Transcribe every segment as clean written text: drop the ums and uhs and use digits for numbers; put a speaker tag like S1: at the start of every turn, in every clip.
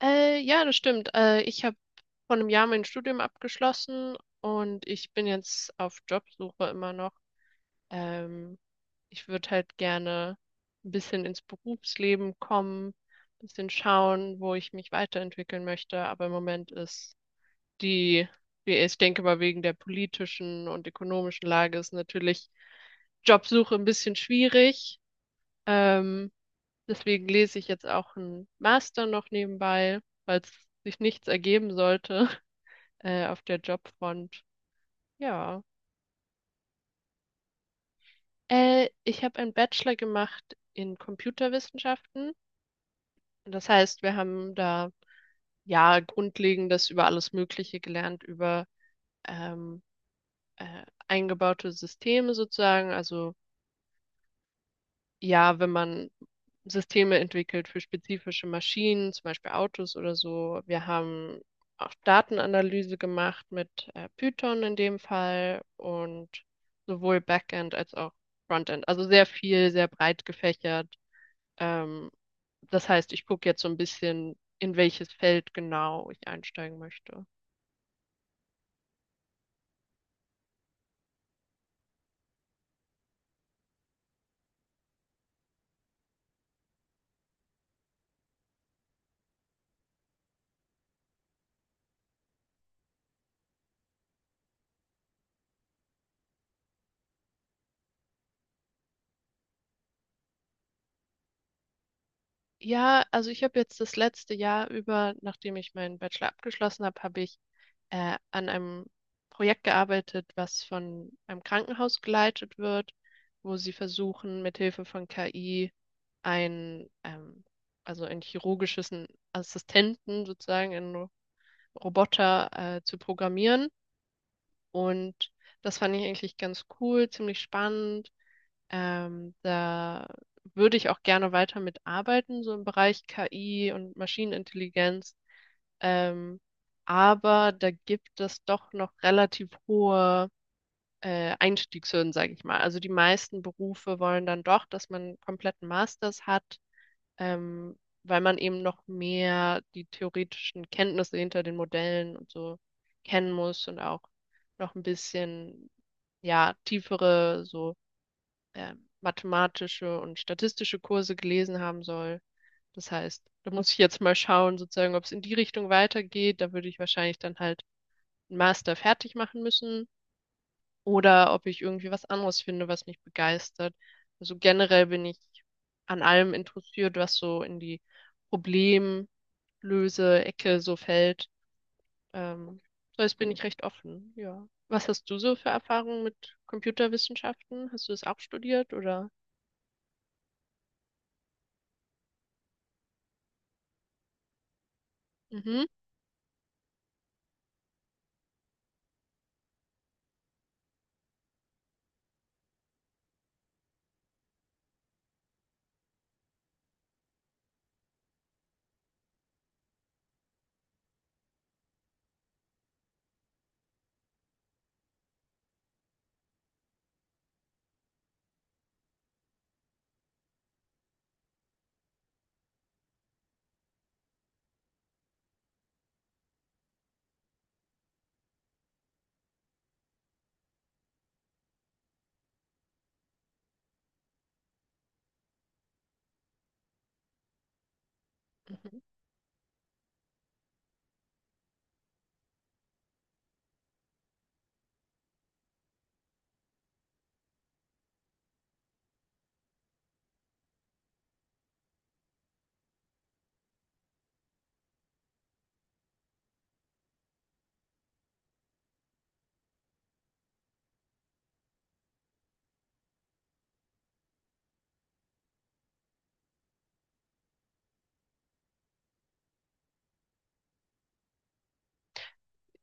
S1: Ja, das stimmt. Ich habe vor einem Jahr mein Studium abgeschlossen und ich bin jetzt auf Jobsuche immer noch. Ähm, Ich würde halt gerne ein bisschen ins Berufsleben kommen, ein bisschen schauen, wo ich mich weiterentwickeln möchte. Aber im Moment ist die, ich denke mal, wegen der politischen und ökonomischen Lage ist natürlich Jobsuche ein bisschen schwierig. Ähm, Deswegen lese ich jetzt auch einen Master noch nebenbei, falls sich nichts ergeben sollte, auf der Jobfront. Ja. Ich habe einen Bachelor gemacht in Computerwissenschaften. Das heißt, wir haben da ja Grundlegendes über alles Mögliche gelernt, über ähm, eingebaute Systeme sozusagen, also ja, wenn man Systeme entwickelt für spezifische Maschinen, zum Beispiel Autos oder so. Wir haben auch Datenanalyse gemacht mit Python in dem Fall und sowohl Backend als auch Frontend. Also sehr viel, sehr breit gefächert. Ähm, das heißt, ich gucke jetzt so ein bisschen, in welches Feld genau ich einsteigen möchte. Ja, also ich habe jetzt das letzte Jahr über, nachdem ich meinen Bachelor abgeschlossen habe, habe ich an einem Projekt gearbeitet, was von einem Krankenhaus geleitet wird, wo sie versuchen, mithilfe von KI ein, ähm, also ein chirurgisches Assistenten sozusagen, einen Roboter zu programmieren. Und das fand ich eigentlich ganz cool, ziemlich spannend. Da würde ich auch gerne weiter mitarbeiten, so im Bereich KI und Maschinenintelligenz. Ähm, aber da gibt es doch noch relativ hohe Einstiegshürden, sage ich mal. Also die meisten Berufe wollen dann doch, dass man einen kompletten Masters hat, ähm, weil man eben noch mehr die theoretischen Kenntnisse hinter den Modellen und so kennen muss und auch noch ein bisschen, ja, tiefere so äh, mathematische und statistische Kurse gelesen haben soll. Das heißt, da muss ich jetzt mal schauen, sozusagen, ob es in die Richtung weitergeht. Da würde ich wahrscheinlich dann halt einen Master fertig machen müssen oder ob ich irgendwie was anderes finde, was mich begeistert. Also generell bin ich an allem interessiert, was so in die Problemlöse-Ecke so fällt. Ähm, so jetzt bin ich recht offen, ja. Was hast du so für Erfahrungen mit Computerwissenschaften? Hast du das auch studiert oder? Mhm. Mhm.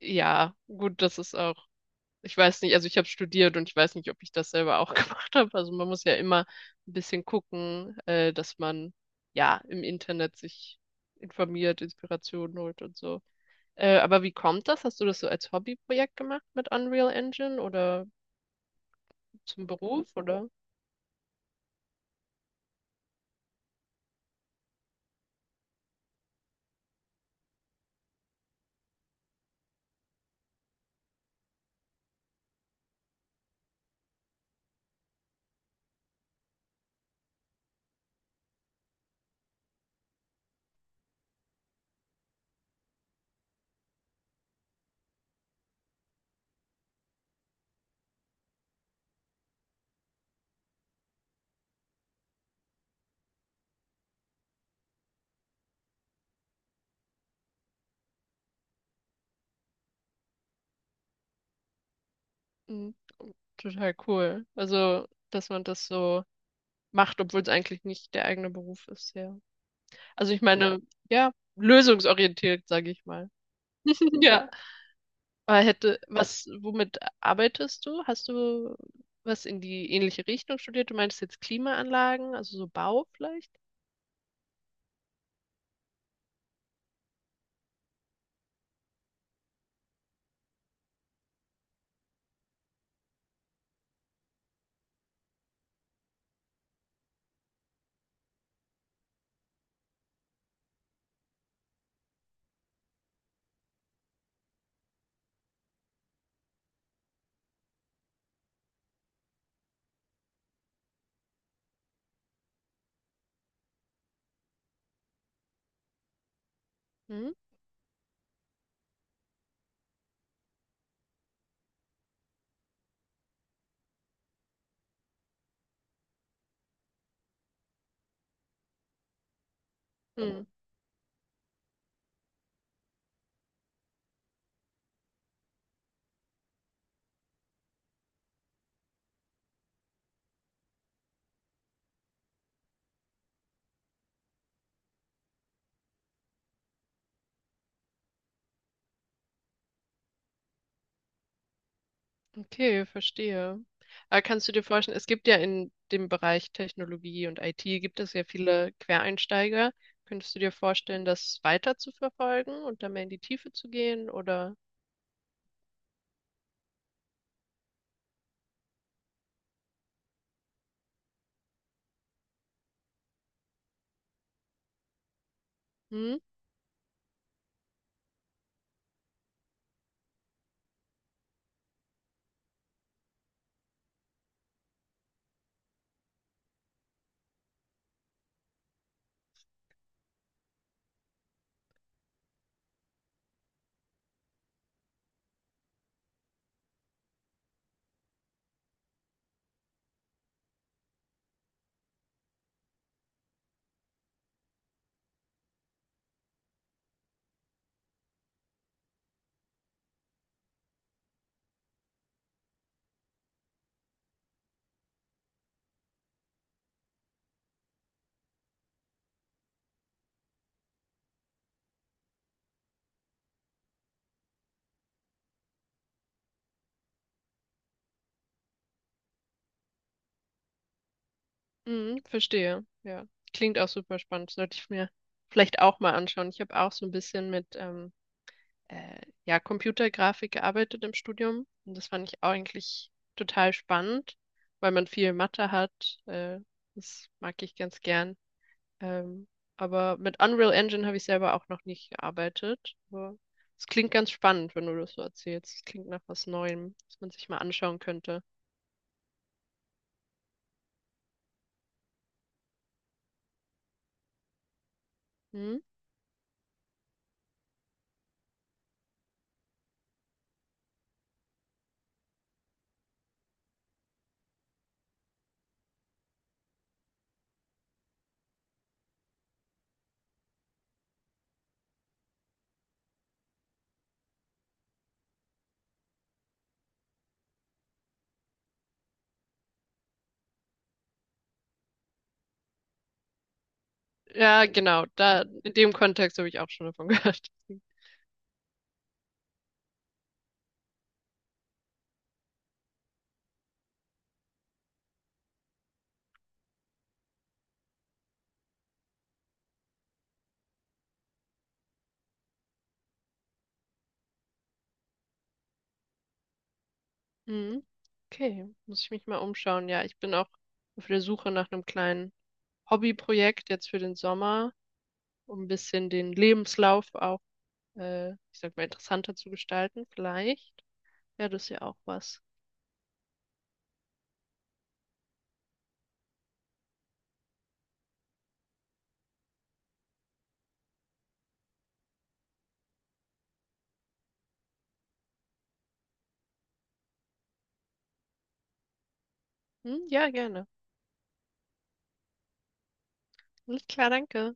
S1: Ja, gut, das ist auch, ich weiß nicht, also ich habe studiert und ich weiß nicht, ob ich das selber auch gemacht habe. Also man muss ja immer ein bisschen gucken, dass man ja im Internet sich informiert, Inspiration holt und so. Aber wie kommt das? Hast du das so als Hobbyprojekt gemacht mit Unreal Engine oder zum Beruf oder? Mhm. Total cool. Also, dass man das so macht, obwohl es eigentlich nicht der eigene Beruf ist, ja. Also ich meine, ja, lösungsorientiert, sage ich mal. Ja. Aber hätte, was, womit arbeitest du? Hast du was in die ähnliche Richtung studiert? Du meinst jetzt Klimaanlagen, also so Bau vielleicht? Hm? Hm. Okay, verstehe. Aber kannst du dir vorstellen, es gibt ja in dem Bereich Technologie und IT gibt es ja viele Quereinsteiger. Könntest du dir vorstellen, das weiter zu verfolgen und da mehr in die Tiefe zu gehen? Oder? Hm? Hm, verstehe. Ja, klingt auch super spannend. Sollte ich mir vielleicht auch mal anschauen. Ich habe auch so ein bisschen mit ja, Computergrafik gearbeitet im Studium. Und das fand ich auch eigentlich total spannend, weil man viel Mathe hat. Das mag ich ganz gern. Ähm, aber mit Unreal Engine habe ich selber auch noch nicht gearbeitet. Aber es klingt ganz spannend, wenn du das so erzählst. Es klingt nach was Neuem, was man sich mal anschauen könnte. Hm? Ja, genau. Da, in dem Kontext habe ich auch schon davon gehört. Hm? Okay, muss ich mich mal umschauen. Ja, ich bin auch auf der Suche nach einem kleinen Hobbyprojekt jetzt für den Sommer, um ein bisschen den Lebenslauf auch, ich sag mal, interessanter zu gestalten, vielleicht. Ja, das ist ja auch was. Hm? Ja, gerne. Alles klar, danke.